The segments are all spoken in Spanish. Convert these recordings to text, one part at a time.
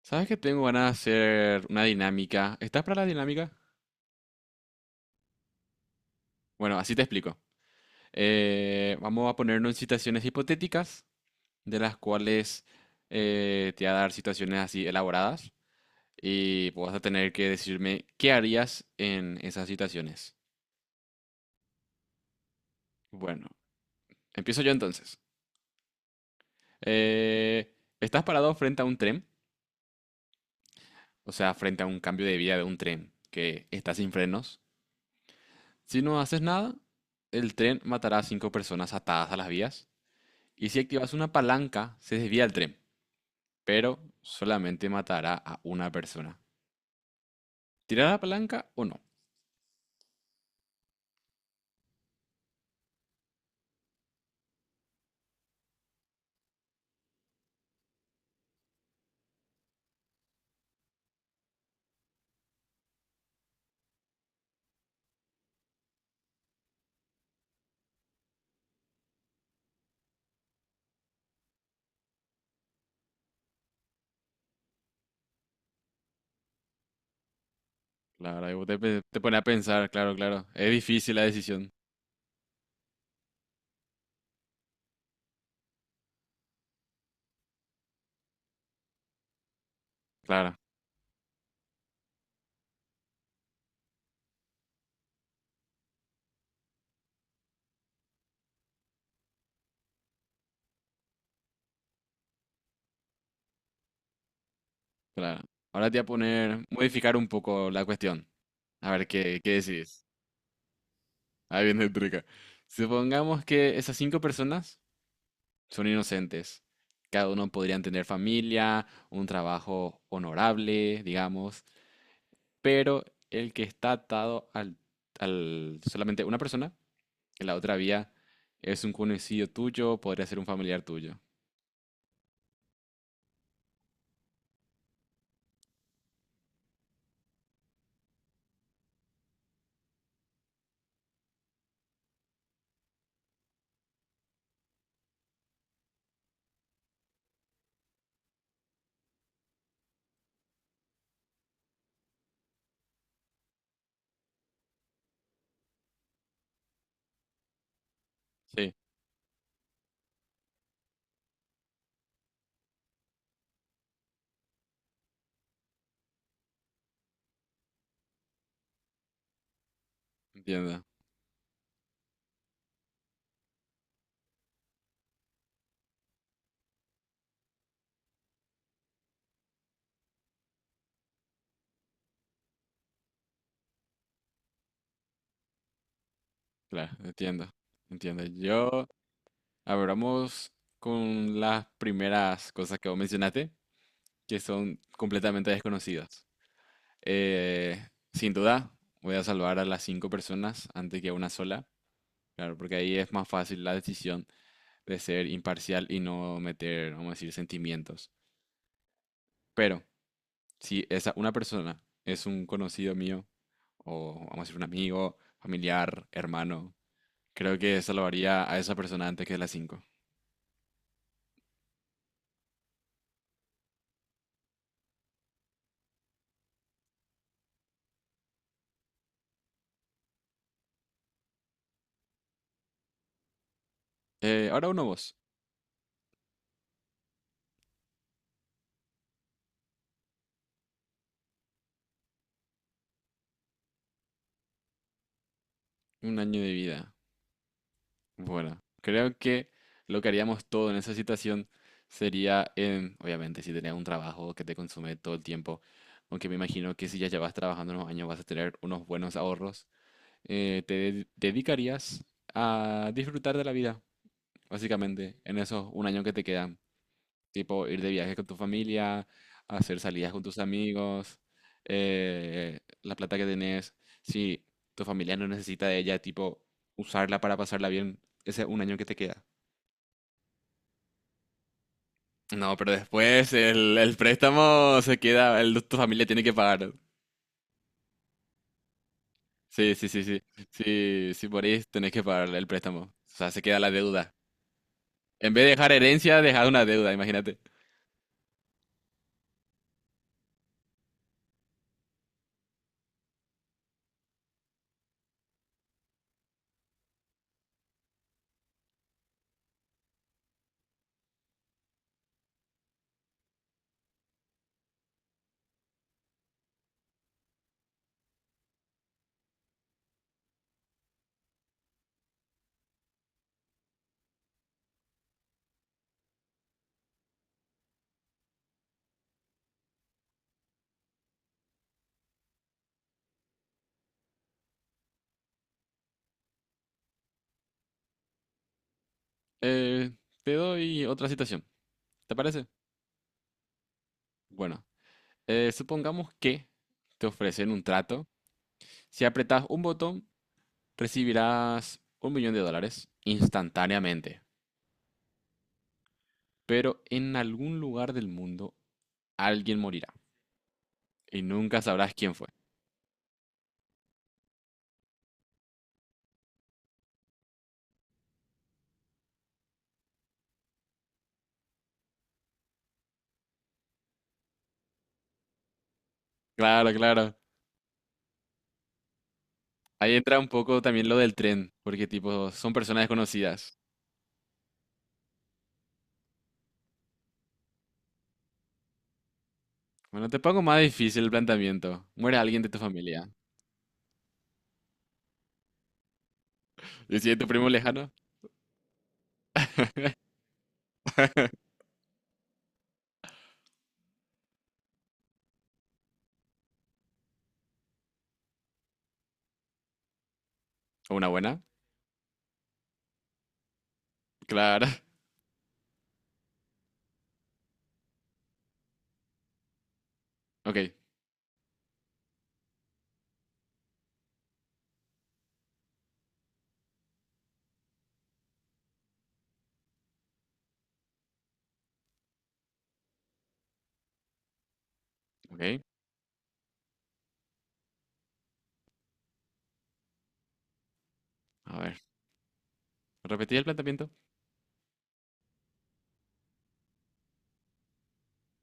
¿Sabes que tengo ganas de hacer una dinámica? ¿Estás para la dinámica? Bueno, así te explico. Vamos a ponernos en situaciones hipotéticas, de las cuales te voy a dar situaciones así elaboradas y vos vas a tener que decirme qué harías en esas situaciones. Bueno, empiezo yo entonces. Eh, estás parado frente a un tren, o sea, frente a un cambio de vía de un tren que está sin frenos. Si no haces nada, el tren matará a cinco personas atadas a las vías. Y si activas una palanca, se desvía el tren, pero solamente matará a una persona. ¿Tirar la palanca o no? La verdad, que vos te pone a pensar, claro, claro. Es difícil la decisión. Claro, claro. Ahora te voy a poner, modificar un poco la cuestión. A ver qué decides. Ahí viene el truco. Supongamos que esas cinco personas son inocentes. Cada uno podrían tener familia, un trabajo honorable, digamos. Pero el que está atado al solamente una persona, en la otra vía es un conocido tuyo, podría ser un familiar tuyo. Sí, entiendo, claro, entiendo, entiendo. Yo, abramos con las primeras cosas que vos mencionaste, que son completamente desconocidas. Eh, sin duda, voy a salvar a las cinco personas antes que a una sola, claro, porque ahí es más fácil la decisión de ser imparcial y no meter, vamos a decir, sentimientos. Pero si esa una persona es un conocido mío, o vamos a decir un amigo, familiar, hermano, creo que salvaría a esa persona antes que las cinco. Ahora uno vos, un año de vida. Bueno, creo que lo que haríamos todo en esa situación sería, obviamente, si tenías un trabajo que te consume todo el tiempo, aunque me imagino que si ya llevas trabajando unos años vas a tener unos buenos ahorros, te dedicarías a disfrutar de la vida, básicamente, en esos un año que te quedan. Tipo ir de viaje con tu familia, hacer salidas con tus amigos, la plata que tenés. Si tu familia no necesita de ella, tipo usarla para pasarla bien, ese un año que te queda. No, pero después el, préstamo se queda, tu familia tiene que pagar. Sí, sí, sí, sí. Sí, si morís, tenés que pagar el préstamo. O sea, se queda la deuda. En vez de dejar herencia, dejar una deuda, imagínate. Eh, te doy otra situación. ¿Te parece? Bueno, supongamos que te ofrecen un trato. Si apretas un botón, recibirás $1 millón instantáneamente. Pero en algún lugar del mundo alguien morirá y nunca sabrás quién fue. Claro, claro. Ahí entra un poco también lo del tren, porque tipo, son personas desconocidas. Bueno, te pongo más difícil el planteamiento. Muere alguien de tu familia. ¿Y si es tu primo lejano? ¿O una buena? Claro. Ok, ok. A ver, repetí el planteamiento.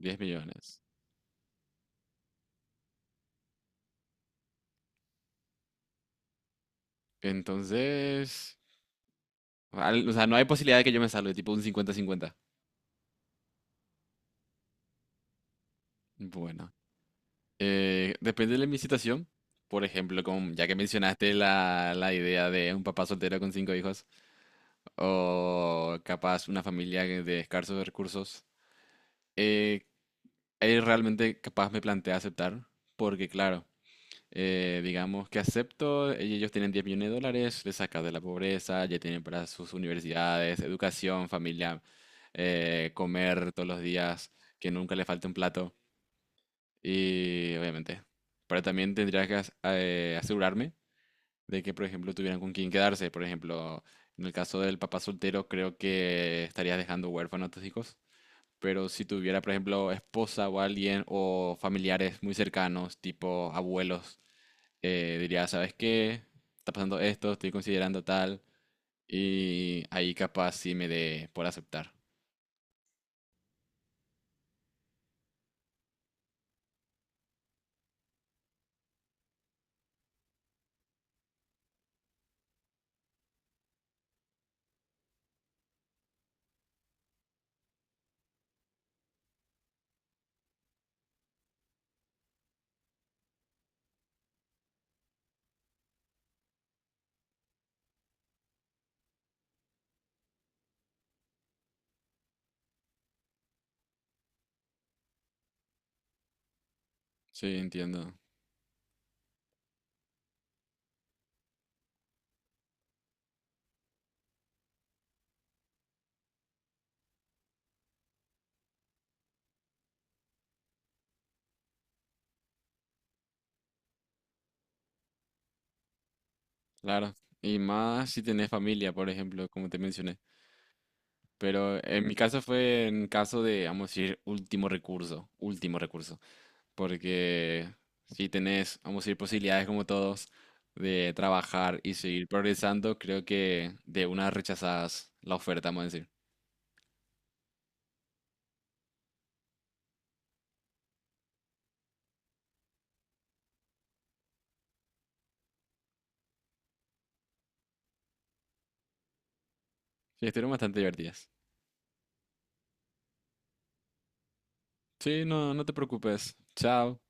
10 millones. Entonces, o sea, no hay posibilidad de que yo me salve, tipo un 50-50. Bueno, depende de mi situación. Por ejemplo, ya que mencionaste la idea de un papá soltero con cinco hijos, o capaz una familia de escasos recursos, eh, ahí realmente capaz me plantea aceptar, porque claro, digamos que acepto, ellos tienen $10 millones, les saca de la pobreza, ya tienen para sus universidades, educación, familia, comer todos los días, que nunca le falte un plato. Y obviamente, pero también tendría que asegurarme de que, por ejemplo, tuvieran con quién quedarse. Por ejemplo, en el caso del papá soltero, creo que estarías dejando huérfanos a tus hijos. Pero si tuviera, por ejemplo, esposa o alguien o familiares muy cercanos, tipo abuelos, diría, ¿sabes qué? Está pasando esto, estoy considerando tal. Y ahí capaz sí me dé por aceptar. Sí, entiendo. Claro. Y más si tenés familia, por ejemplo, como te mencioné. Pero en mi caso fue en caso de, vamos a decir, último recurso. Último recurso. Porque si tenés, vamos a decir, posibilidades como todos de trabajar y seguir progresando, creo que de unas rechazadas la oferta, vamos a decir. Sí, estuvieron bastante divertidas. Sí, no, no te preocupes. Chao.